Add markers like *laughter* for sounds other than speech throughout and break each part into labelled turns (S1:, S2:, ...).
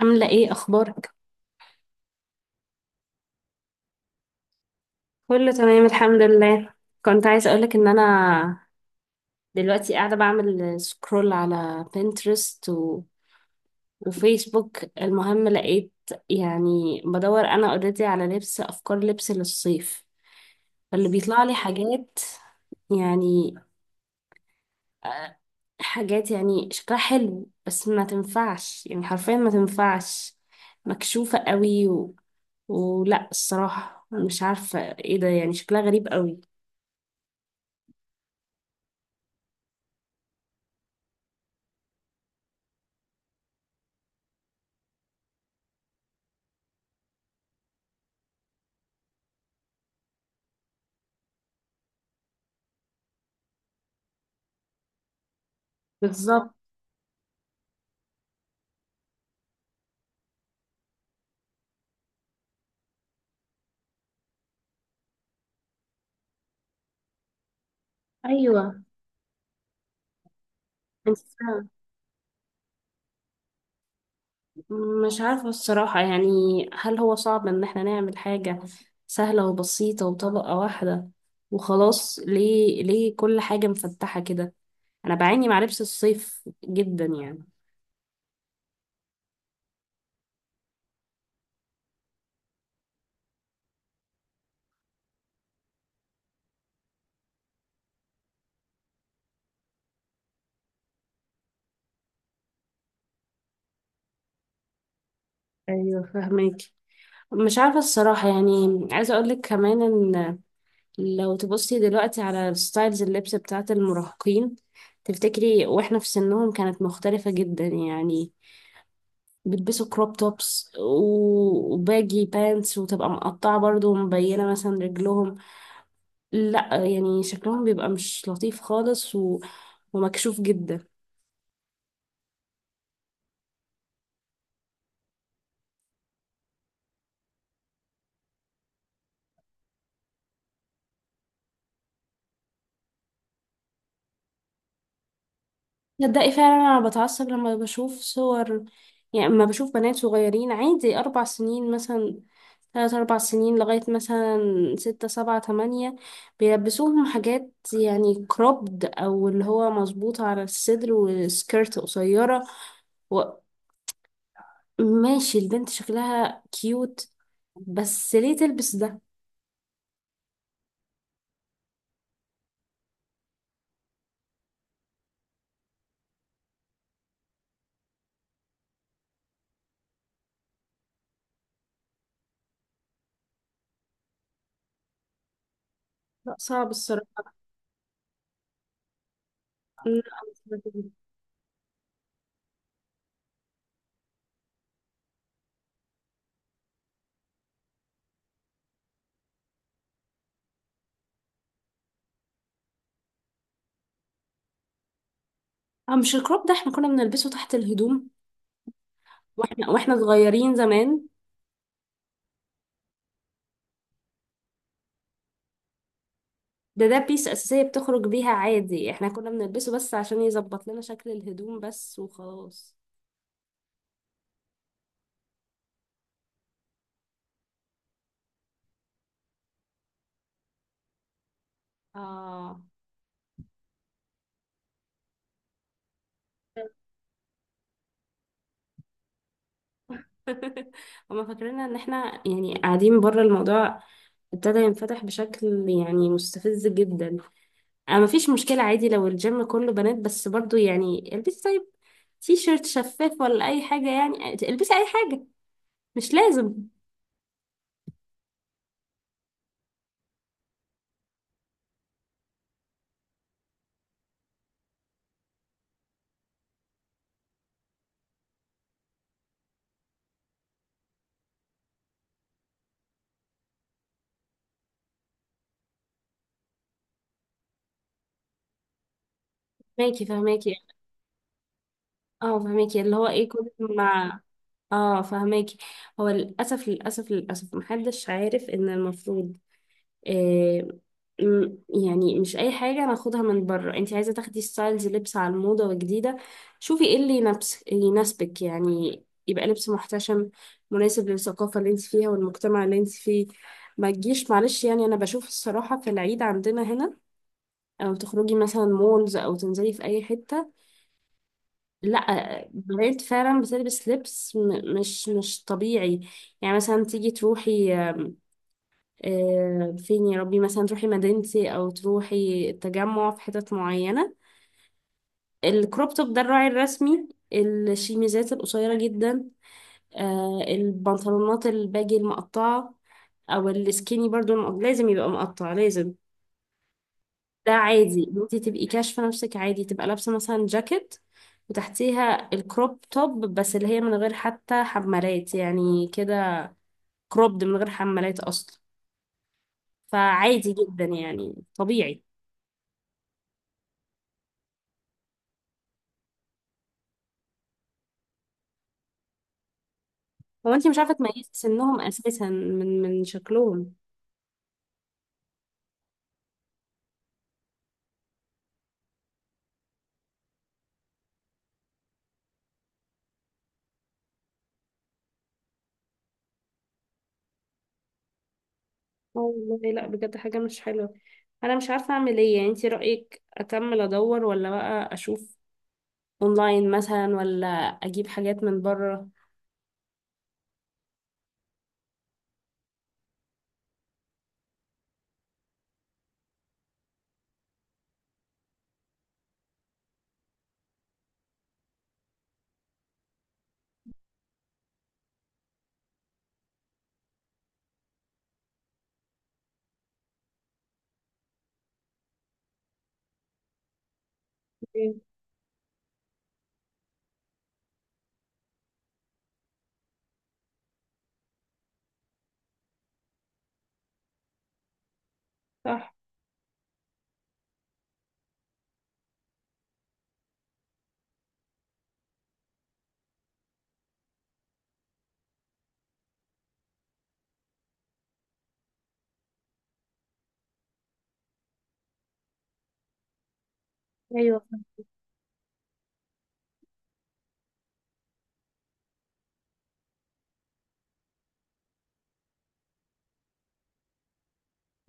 S1: عاملة ايه اخبارك؟ كله تمام الحمد لله. كنت عايزة اقولك ان انا دلوقتي قاعدة بعمل سكرول على بنترست وفيسبوك. المهم لقيت، يعني بدور انا اوريدي على لبس، افكار لبس للصيف اللي بيطلع لي حاجات يعني. آه، حاجات يعني شكلها حلو، بس ما تنفعش، يعني حرفيا ما تنفعش، مكشوفة قوي ولا الصراحة مش عارفة ايه ده، يعني شكلها غريب قوي. بالظبط. ايوه. بس مش عارفه الصراحه يعني، هل هو صعب ان احنا نعمل حاجه سهله وبسيطه وطبقه واحده وخلاص؟ ليه، ليه كل حاجه مفتحه كده؟ انا بعاني مع لبس الصيف جدا يعني. ايوه، فهمك. مش عارفه الصراحه يعني، عايزه اقول لك كمان ان لو تبصي دلوقتي على ستايلز اللبس بتاعت المراهقين، تفتكري واحنا في سنهم كانت مختلفه جدا يعني؟ بيلبسوا كروب توبس وباجي بانتس، وتبقى مقطعة برضو ومبينة مثلا رجلهم. لا يعني شكلهم بيبقى مش لطيف خالص ومكشوف جدا. تصدقي فعلا انا بتعصب لما بشوف صور. يعني لما بشوف بنات صغيرين عادي اربع سنين مثلا، ثلاث أربع سنين، لغاية مثلا ستة سبعة تمانية، بيلبسوهم حاجات يعني كروبد، أو اللي هو مظبوطة على الصدر وسكيرت قصيرة. ماشي البنت شكلها كيوت، بس ليه تلبس ده؟ لا صعب الصراحة. لا، مش بحبه. اه، مش الكروب ده احنا كنا بنلبسه تحت الهدوم واحنا صغيرين زمان. ده بيس أساسية بتخرج بيها عادي، احنا كنا بنلبسه بس عشان يظبط لنا شكل الهدوم بس وخلاص. اه. *laughs* هما فاكرين ان احنا يعني قاعدين بره الموضوع. ابتدى ينفتح بشكل يعني مستفز جدا. انا مفيش مشكلة عادي لو الجيم كله بنات، بس برضو يعني البسي طيب، تي شيرت شفاف ولا اي حاجه، يعني البسي اي حاجه، مش لازم. فهماكي فهماكي. اه، فهماكي اللي هو ايه كل مع. اه، فهماكي. هو للاسف للاسف للاسف محدش عارف ان المفروض، آه يعني مش اي حاجه ناخدها من بره. انت عايزه تاخدي ستايلز لبس على الموضه وجديده، شوفي ايه اللي يناسبك، يعني يبقى لبس محتشم مناسب للثقافه اللي انت فيها والمجتمع اللي انت فيه. ما تجيش معلش، يعني انا بشوف الصراحه في العيد عندنا هنا، او تخرجي مثلا مولز، او تنزلي في اي حته، لا بنات فعلا بتلبس لبس مش طبيعي. يعني مثلا تيجي تروحي فين يا ربي، مثلا تروحي مدينتي او تروحي التجمع في حتت معينه. الكروب توب ده الراعي الرسمي، الشيميزات القصيره جدا، البنطلونات الباجي المقطعه او السكيني برضو، لازم يبقى مقطع لازم. ده عادي إن انت تبقي كاشفه نفسك، عادي تبقى لابسه مثلا جاكيت وتحتيها الكروب توب، بس اللي هي من غير حتى حمالات، يعني كده كروبد من غير حمالات اصلا. فعادي جدا، يعني طبيعي. هو انت مش عارفه تميزي سنهم اساسا من شكلهم. آه والله، لا بجد حاجه مش حلوه. انا مش عارفه اعمل ايه، يعني انت رايك اكمل ادور، ولا بقى اشوف اونلاين مثلا، ولا اجيب حاجات من بره؟ إيه، صح. ايوه.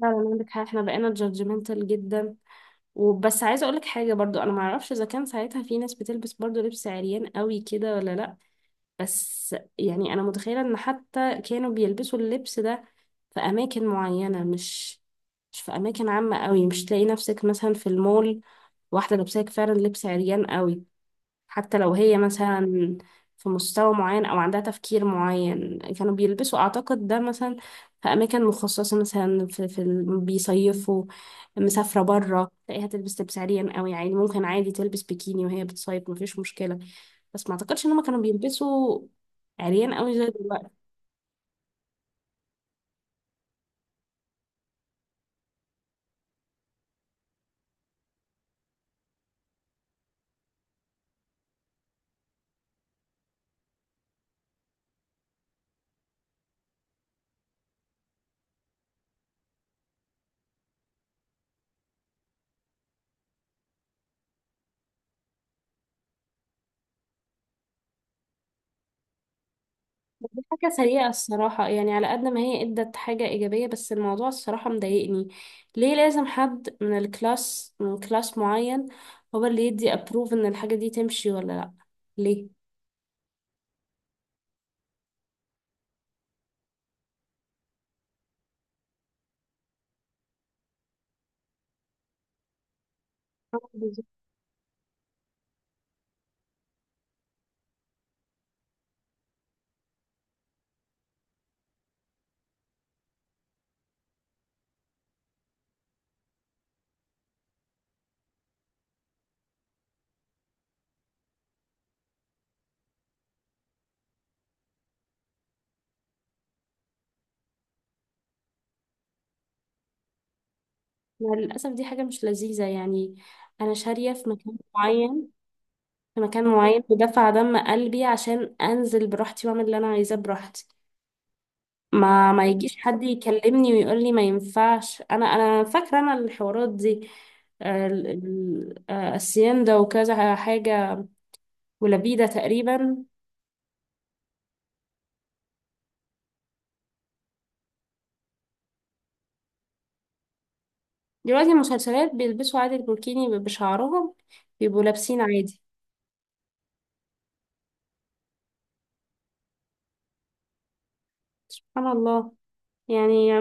S1: فعلا عندك حق، احنا بقينا جادجمنتال جدا وبس. عايزه اقولك حاجه برضو، انا معرفش اذا كان ساعتها في ناس بتلبس برضو لبس عريان قوي كده ولا لا. بس يعني انا متخيله ان حتى كانوا بيلبسوا اللبس ده في اماكن معينه، مش في اماكن عامه قوي. مش تلاقي نفسك مثلا في المول واحده لابساك فعلا لبس عريان قوي. حتى لو هي مثلا في مستوى معين أو عندها تفكير معين، كانوا بيلبسوا أعتقد ده مثلا في أماكن مخصصة، مثلا في بيصيفوا، مسافرة برا تلاقيها تلبس لبس عريان قوي. يعني ممكن عادي تلبس بيكيني وهي بتصيف، مفيش مشكلة. بس ما أعتقدش إن هما كانوا بيلبسوا عريان قوي زي دلوقتي. حاجة سيئة الصراحة، يعني على قد ما هي ادت حاجة ايجابية، بس الموضوع الصراحة مضايقني. ليه لازم حد من الكلاس، من كلاس معين، هو اللي يدي ابروف ان الحاجة دي تمشي ولا لا؟ ليه؟ بالظبط. مع للأسف دي حاجة مش لذيذة يعني. أنا شارية في مكان معين، في مكان معين بدفع دم قلبي عشان أنزل براحتي وأعمل اللي أنا عايزاه براحتي. ما ما يجيش حد يكلمني ويقول لي ما ينفعش. انا فاكره انا الحوارات دي، السيندا وكذا حاجه ولبيده تقريبا. دلوقتي المسلسلات بيلبسوا عادي البوركيني بشعرهم، بيبقوا لابسين عادي. سبحان الله يعني.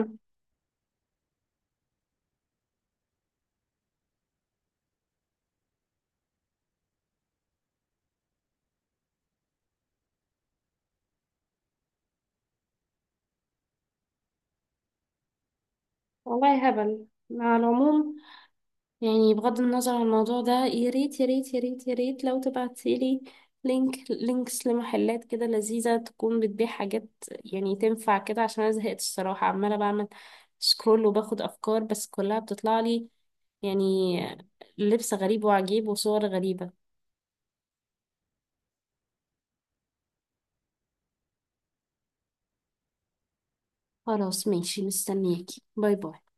S1: والله هبل. على العموم، يعني بغض النظر عن الموضوع ده، يا ريت يا ريت يا ريت يا ريت لو تبعتيلي لينك، لينكس لمحلات كده لذيذة، تكون بتبيع حاجات يعني تنفع كده. عشان أنا زهقت الصراحة، عمالة بعمل سكرول وباخد أفكار، بس كلها بتطلع لي يعني لبس غريب وعجيب وصور غريبة. خلاص ماشي مستنياكي. باي باي.